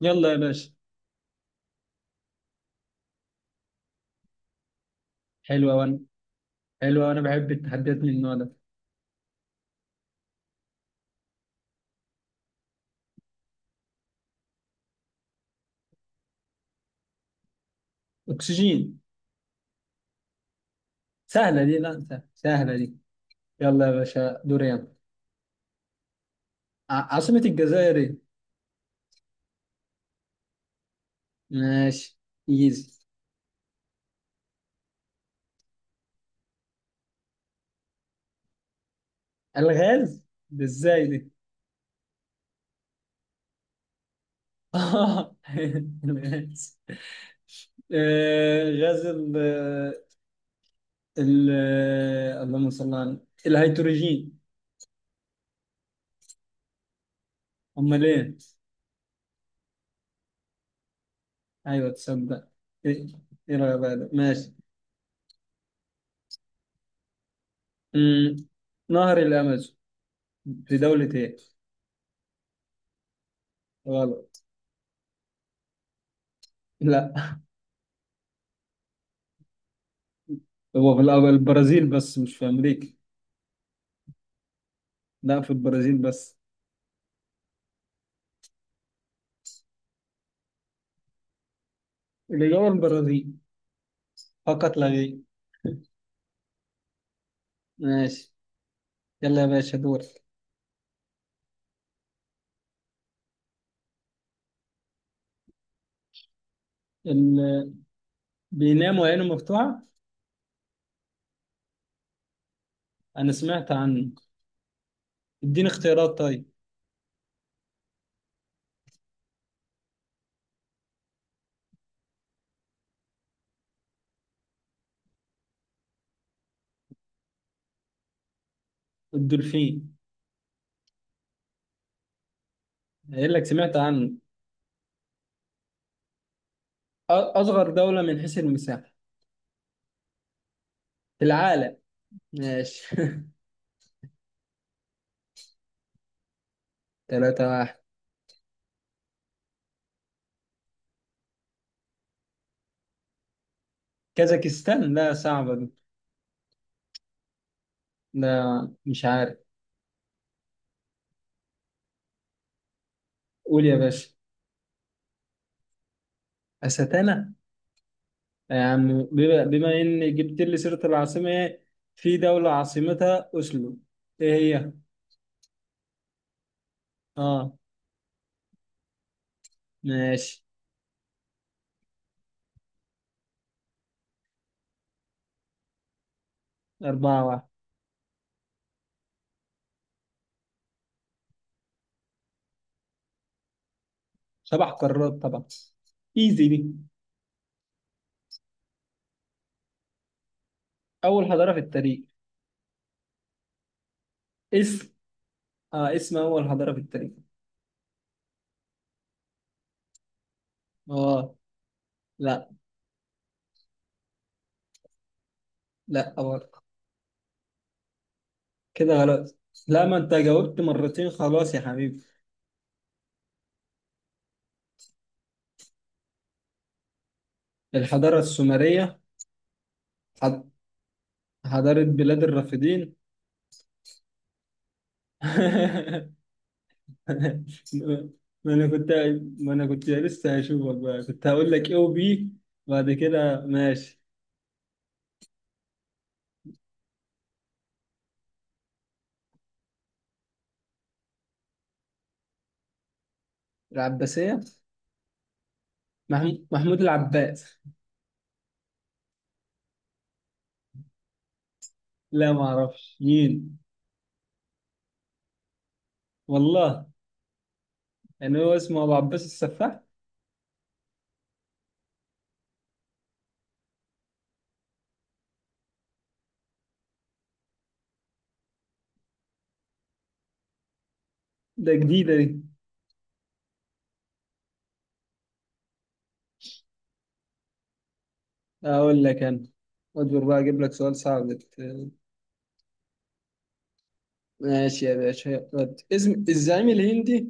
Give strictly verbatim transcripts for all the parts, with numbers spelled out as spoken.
يلا يا باشا. حلوة وانا حلوة وانا بحب التحديات من النوع ده. اكسجين. سهلة دي، لا سهلة، سهلة دي. يلا يا باشا، دوري يلا. ع- عاصمة الجزائر ايه؟ ماشي. ايزي. الغاز ده ازاي دي؟ اه، الغاز. آه، غاز ال ال اللهم صل على النبي. الهيدروجين. امال ايه؟ ايوه، تصدق ايه. إيه الغباء ده. ماشي. أمم، نهر الامازون في دولة ايه؟ غلط. لا، هو في الأول البرازيل بس مش في أمريكا. لا، في البرازيل بس. الإجابة البرازيل فقط لا غير. ماشي. يلا يا باشا، دور. اللي بينام وعينه مفتوحة. أنا سمعت عنه. اديني اختيارات طيب. الدولفين. قايل لك سمعت عنه. أ- أصغر دولة من حيث المساحة في العالم. ماشي. تلاتة واحد. كازاكستان، لا صعبة دي. لا مش عارف. قول يا باشا. أستانا. يعني بما بما إن جبت لي سيرة العاصمة، إيه؟ في دولة عاصمتها أوسلو، إيه هي؟ آه. ماشي. أربعة واحد. سبع قارات طبعا. إيزي دي. أول حضارة في التاريخ. اسم آه اسم أول حضارة في التاريخ. آه. لا. لا برضه. كده غلط. لا، ما أنت جاوبت مرتين خلاص يا حبيبي. الحضارة السومرية. حض- حضارة بلاد الرافدين. ما انا كنت ما انا كنت لسه هشوفك بقى، كنت هقول لك ايه وبي بعد كده. ماشي. العباسية. محمود محمود العباس. لا ما اعرفش مين. والله. يعني هو اسمه ابو عباس السفاح. ده جديدة دي. اقول لك انا. اصبر بقى، اجيب لك سؤال صعب لت- ماشي يا باشا. ود. اسم الزعيم الهندي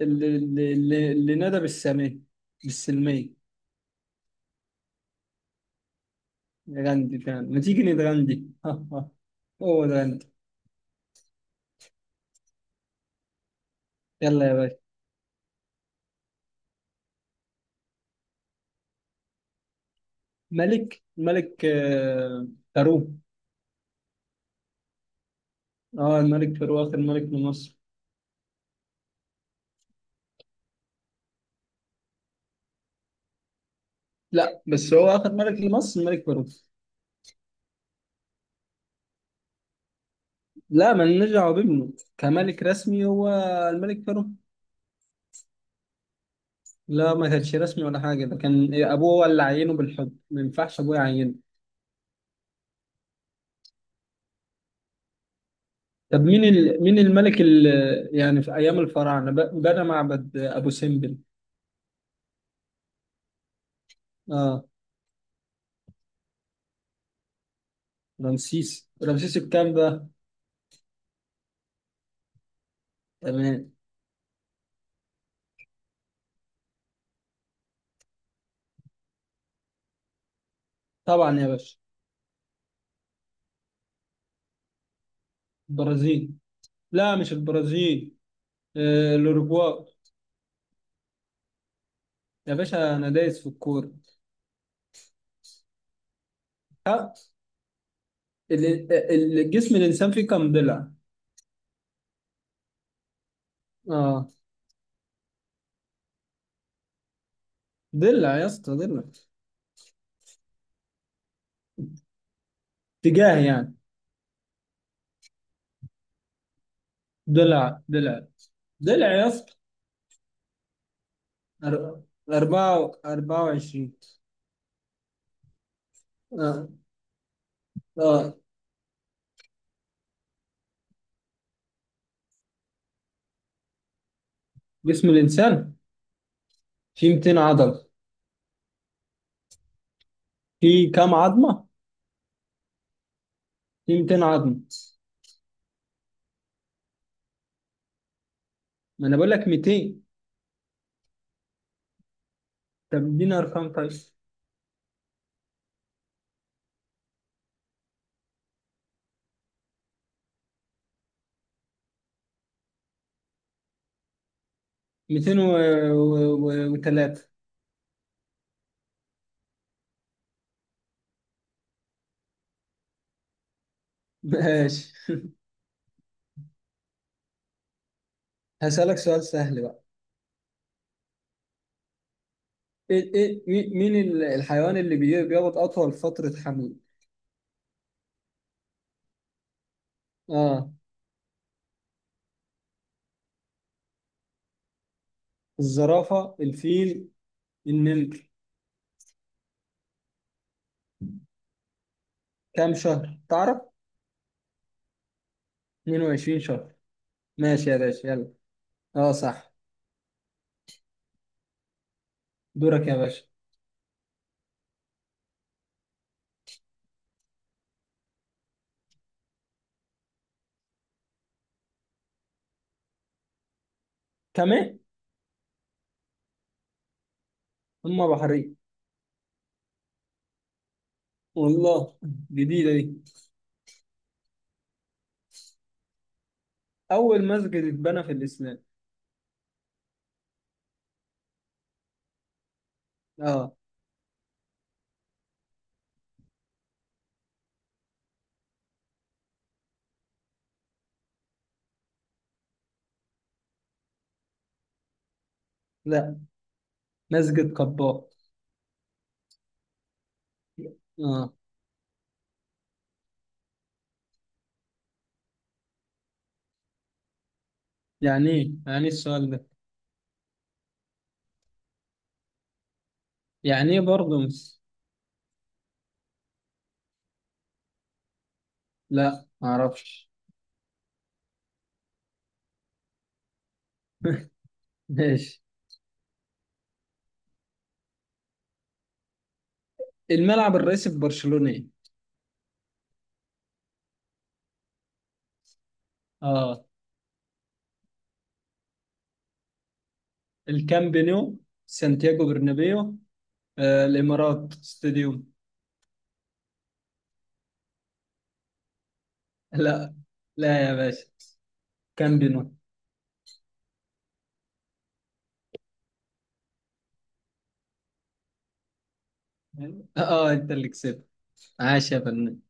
اللي اللي اللي, اللي نادى بالسامية، بالسلمية. غاندي، فعلا ما تيجي نتغندي. هو ده غاندي. يلا يا باشا. ملك ملك آه، فاروق. اه، الملك فاروق اخر ملك لمصر. لا، بس هو اخر ملك لمصر الملك فاروق. لا، ما نرجع بابنه كملك رسمي، هو الملك فاروق. لا، ما كانش رسمي ولا حاجه، ده كان ابوه هو اللي عينه بالحب، ما ينفعش ابوه يعينه. طب مين ال... مين الملك اللي يعني في ايام الفراعنه ب- بنى معبد ابو سمبل؟ اه. رمسيس رمسيس الكام بقى؟ تمام. طبعا يا باشا. البرازيل. لا، مش البرازيل. آه، الاوروغواي. يا باشا انا دايس في الكوره. ها. ال- ال- الجسم الانسان فيه كم ضلع؟ اه. ضلع يا اسطى، ضلع. اتجاه يعني. ضلع، ضلع، ضلع يا اسطى. أر- أربعة أربعة وعشرين. آه. آه. جسم الإنسان فيه مئتين عضلة. فيه كام عظمة؟ فيه مائتين عظمة. ما أنا بقول لك مائتين. طب اديني أرقام طيب. مئتين وتلاتة. ماشي. هسألك سؤال سهل بقى. ايه ايه مي- مين ال- الحيوان اللي بي- بيقعد اطول فترة حمل؟ اه، الزرافة، الفيل، النمر. كام شهر تعرف؟ اتنين وعشرين شهر. ماشي يا باشا، يلا. اه صح. دورك يا باشا. كمان. هما بحرين. والله، جديدة دي. اول مسجد اتبنى في الاسلام. اه. لا. مسجد قباء. اه. يعني ايه يعني إيه السؤال ده. يعني ايه برضه مس لا معرفش. ماشي. الملعب الرئيسي في برشلونة ايه؟ اه، الكامب نو، سانتياغو برنابيو، آه الامارات ستاديوم. لا، لا يا باشا. كامب نو. اه، آه، انت اللي كسبت. عاش يا فنان.